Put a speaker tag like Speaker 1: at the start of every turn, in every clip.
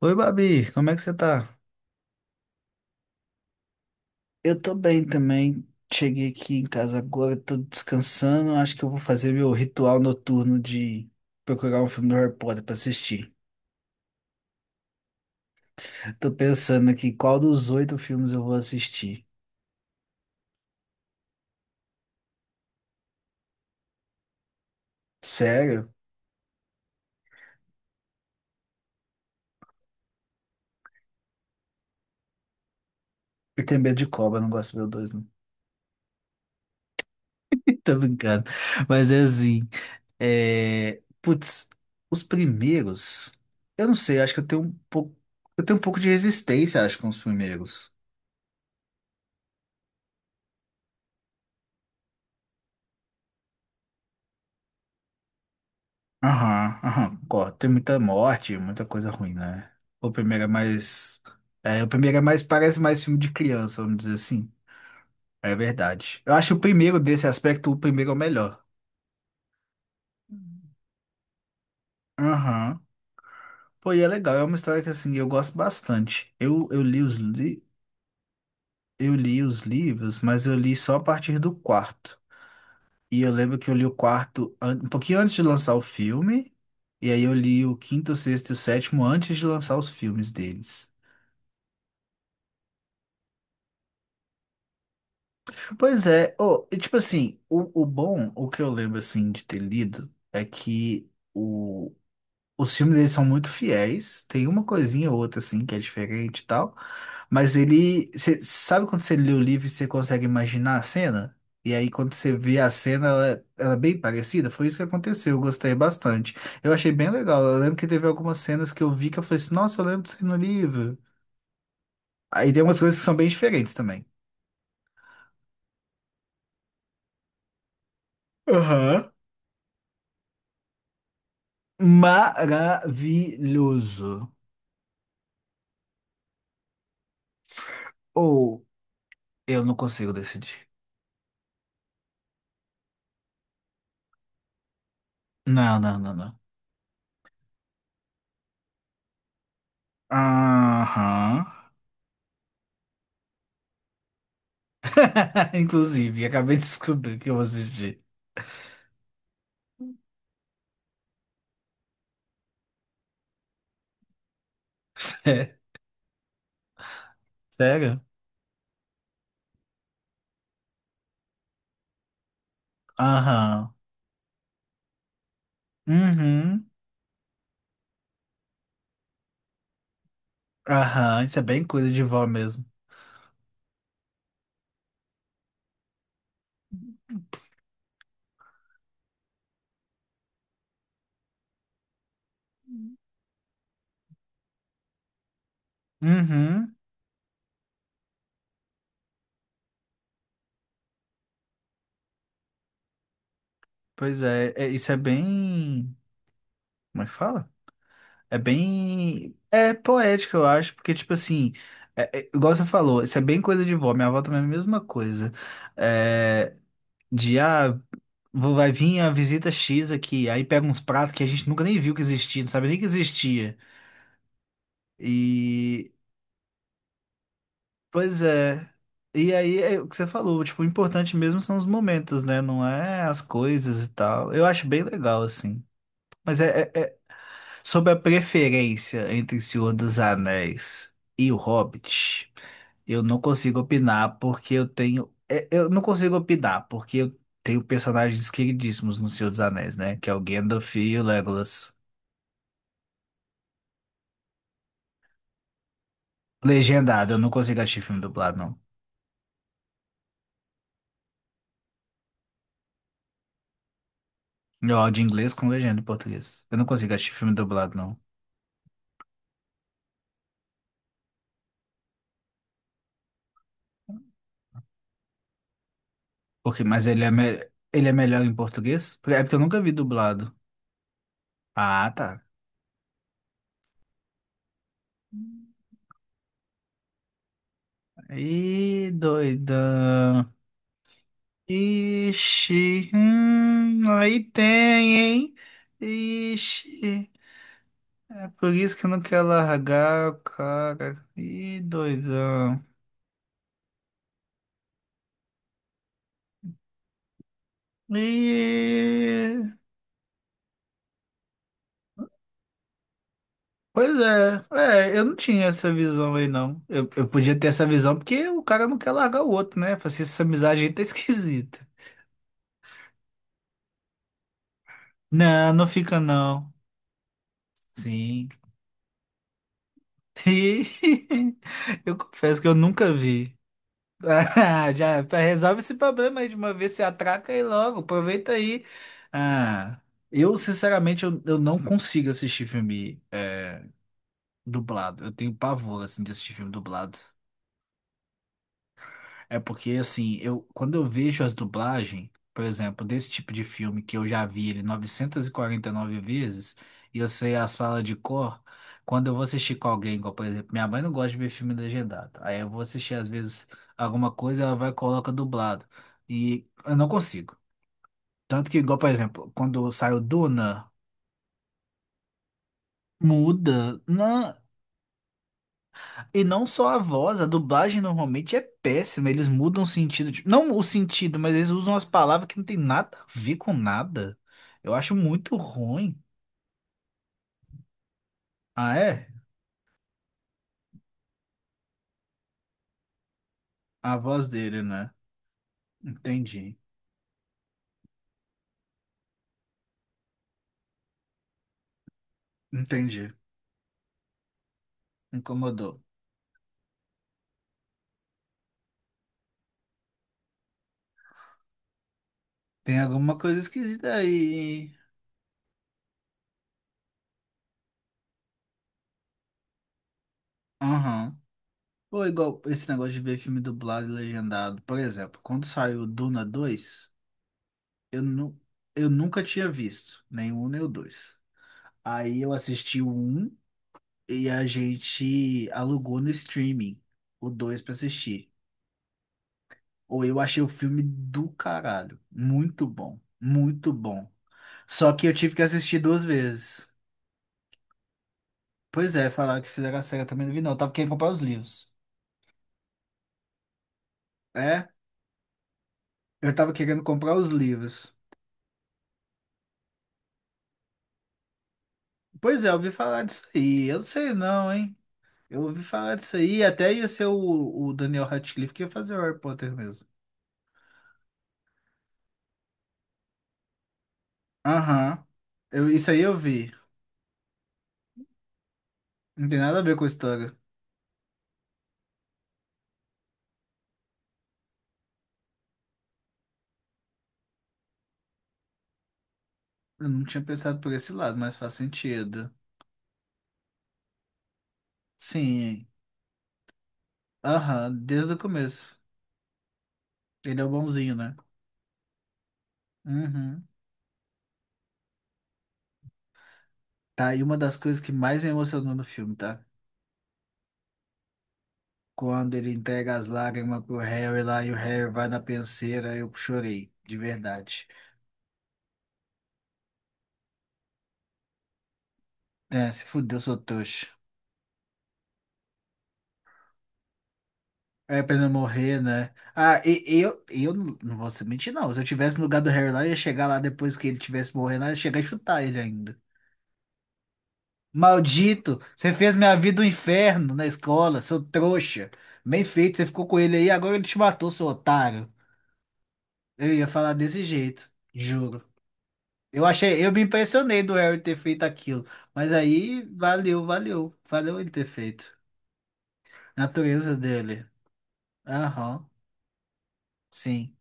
Speaker 1: Oi, Babi, como é que você tá? Eu tô bem também. Cheguei aqui em casa agora, tô descansando. Acho que eu vou fazer meu ritual noturno de procurar um filme do Harry Potter pra assistir. Tô pensando aqui qual dos oito filmes eu vou assistir. Sério? Eu tenho medo de cobra, não gosto de ver o dois, não. Tô brincando. Mas é assim. Putz, os primeiros. Eu não sei, acho que eu tenho um pouco. Eu tenho um pouco de resistência, acho, com os primeiros. Aham, aham, concordo. Tem muita morte, muita coisa ruim, né? O primeiro é mais. É, o primeiro é mais. Parece mais filme de criança, vamos dizer assim. É verdade. Eu acho o primeiro desse aspecto, o primeiro é o melhor. Aham. Pô, e é legal, é uma história que assim, eu gosto bastante. Eu li os livros, mas eu li só a partir do quarto. E eu lembro que eu li o quarto um pouquinho antes de lançar o filme, e aí eu li o quinto, o sexto e o sétimo antes de lançar os filmes deles. Pois é, oh, e tipo assim, o bom, o que eu lembro assim de ter lido é que os filmes eles são muito fiéis, tem uma coisinha ou outra assim que é diferente e tal, mas cê, sabe quando você lê o livro e você consegue imaginar a cena? E aí quando você vê a cena, ela é bem parecida, foi isso que aconteceu, eu gostei bastante. Eu achei bem legal, eu lembro que teve algumas cenas que eu vi que eu falei assim, nossa, eu lembro disso aí no livro. Aí tem umas coisas que são bem diferentes também. Aham. Maravilhoso. Ou eu não consigo decidir. Não, não, não, não. Aham. Inclusive, acabei de descobrir que eu vou assistir. Sé- Sério? Aham. Uhum. Aham. Isso é bem coisa de vó mesmo. Uhum. Pois é, isso é bem. Como é que fala? É bem. É poético, eu acho, porque, tipo assim, igual você falou, isso é bem coisa de vó. Minha avó também é a mesma coisa. É, De ah, vai vir a visita X aqui, aí pega uns pratos que a gente nunca nem viu que existia, não sabia nem que existia. E pois é. E aí é o que você falou, tipo, o importante mesmo são os momentos, né? Não é as coisas e tal. Eu acho bem legal, assim. Mas é. Sobre a preferência entre O Senhor dos Anéis e O Hobbit, eu não consigo opinar porque eu tenho. Eu não consigo opinar porque eu tenho personagens queridíssimos no Senhor dos Anéis, né? Que é o Gandalf e o Legolas. Legendado, eu não consigo assistir filme dublado, não. Eu áudio em inglês com legenda em português. Eu não consigo assistir filme dublado, não. Porque, mas ele é melhor em português? É porque eu nunca vi dublado. Ah, tá. Ih, doidão. Ixi, aí tem, hein? Ixi, é por isso que eu não quero largar o cara. Ih, doidão. E, pois é, eu não tinha essa visão aí, não. Eu podia ter essa visão porque o cara não quer largar o outro, né? Falei assim, essa amizade aí tá esquisita. Não, não fica não. Sim. Ih, eu confesso que eu nunca vi. Ah, já resolve esse problema aí de uma vez, se atraca aí logo, aproveita aí. Ah, eu, sinceramente, eu não consigo assistir filme dublado. Eu tenho pavor, assim, de assistir filme dublado. É porque, assim, eu, quando eu vejo as dublagens, por exemplo, desse tipo de filme que eu já vi ele 949 vezes, e eu sei as falas de cor, quando eu vou assistir com alguém, igual, por exemplo, minha mãe não gosta de ver filme legendado. Aí eu vou assistir, às vezes, alguma coisa, ela vai e coloca dublado. E eu não consigo. Tanto que, igual, por exemplo, quando saiu Duna, muda. Não. E não só a voz, a dublagem normalmente é péssima. Eles mudam o sentido. Tipo, não o sentido, mas eles usam as palavras que não tem nada a ver com nada. Eu acho muito ruim. Ah, é? A voz dele, né? Entendi. Entendi. Incomodou. Tem alguma coisa esquisita aí. Aham. Ou igual esse negócio de ver filme dublado e legendado. Por exemplo, quando saiu Duna 2 eu, nu eu nunca tinha visto nem o um nem o dois. Aí eu assisti o um. E a gente alugou no streaming o dois pra assistir. Ou eu achei o filme do caralho. Muito bom. Muito bom. Só que eu tive que assistir duas vezes. Pois é, falaram que fizeram a série, eu também não vi não. Eu tava querendo comprar os livros. É? Eu tava querendo comprar os livros. Pois é, eu ouvi falar disso aí. Eu não sei não, hein? Eu ouvi falar disso aí. Até ia ser o, Daniel Radcliffe que ia fazer o Harry Potter mesmo. Aham. Isso aí eu vi. Não tem nada a ver com a história. Eu não tinha pensado por esse lado, mas faz sentido. Sim. Aham, desde o começo. Ele é o bonzinho, né? Uhum. Tá, e uma das coisas que mais me emocionou no filme, tá? Quando ele entrega as lágrimas pro Harry lá e o Harry vai na penseira, eu chorei, de verdade. É, se fudeu, sou trouxa. É pra ele não morrer, né? Ah, e eu não vou mentir, não. Se eu tivesse no lugar do Harry lá, eu ia chegar lá depois que ele tivesse morrendo, lá, eu ia chegar e chutar ele ainda. Maldito, você fez minha vida um inferno na escola, seu trouxa. Bem feito, você ficou com ele aí, agora ele te matou, seu otário. Eu ia falar desse jeito, juro. Eu achei, eu me impressionei do Harry ter feito aquilo, mas aí valeu, valeu, valeu ele ter feito. Natureza dele. Aham, sim.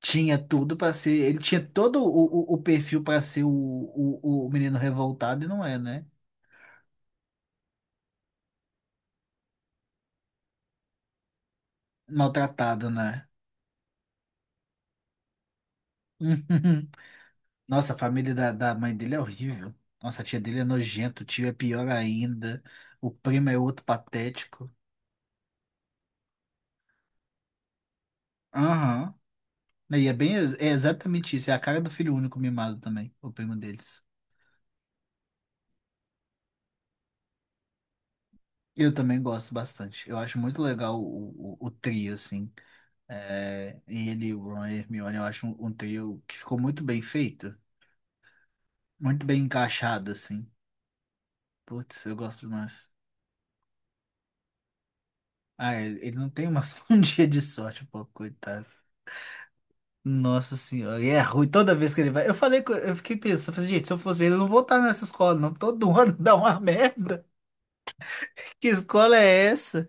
Speaker 1: Tinha tudo pra ser, ele tinha todo o, o perfil pra ser o, o menino revoltado e não é, né? Maltratado, né? Nossa, a família da mãe dele é horrível. Nossa, a tia dele é nojenta, o tio é pior ainda. O primo é outro patético. Aham. E é bem, é exatamente isso. É a cara do filho único mimado também, o primo deles. Eu também gosto bastante. Eu acho muito legal o, o trio, assim. É, ele, o Ron e a Hermione, eu acho um trio que ficou muito bem feito. Muito bem encaixado, assim. Putz, eu gosto demais. Ah, ele não tem um dia de sorte, pô, coitado. Nossa senhora, e é ruim toda vez que ele vai. Eu falei, eu fiquei pensando, falei, gente, se eu fosse ele, eu não voltar nessa escola, não. Todo ano dá uma merda. Que escola é essa?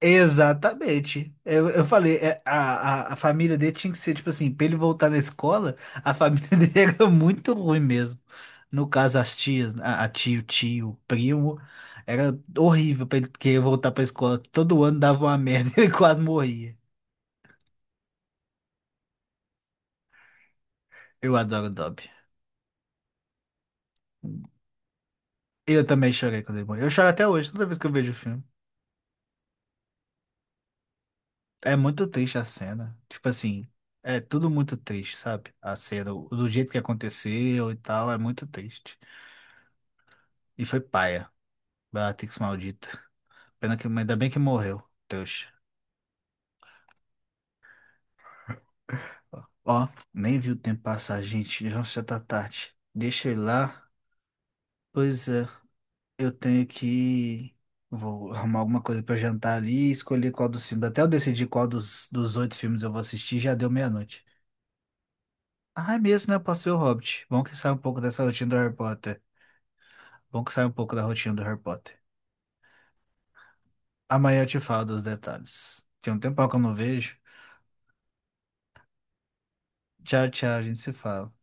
Speaker 1: Exatamente. Eu falei, a família dele tinha que ser, tipo assim, pra ele voltar na escola, a família dele era muito ruim mesmo. No caso, as tias, tio, primo, era horrível pra ele querer voltar pra escola. Todo ano dava uma merda, ele quase morria. Eu adoro o Dobby. Eu também chorei quando ele morreu. Eu choro até hoje, toda vez que eu vejo o filme. É muito triste a cena. Tipo assim, é tudo muito triste, sabe? A cena, do jeito que aconteceu e tal, é muito triste. E foi paia. Bellatrix maldita. Pena que, ainda bem que morreu. Deus. Ó, nem vi o tempo passar, gente. Já já tá tarde. Deixa eu ir lá. Pois é, eu tenho que. Vou arrumar alguma coisa pra eu jantar ali e escolher qual dos filmes. Até eu decidir qual dos oito filmes eu vou assistir, já deu meia-noite. Ah, é mesmo, né? Eu posso ver o Hobbit. Bom que sai um pouco dessa rotina do Harry Potter. Bom que sai um pouco da rotina do Harry Potter. Amanhã eu te falo dos detalhes. Tem um tempão que eu não vejo. Tchau, tchau, a gente se fala.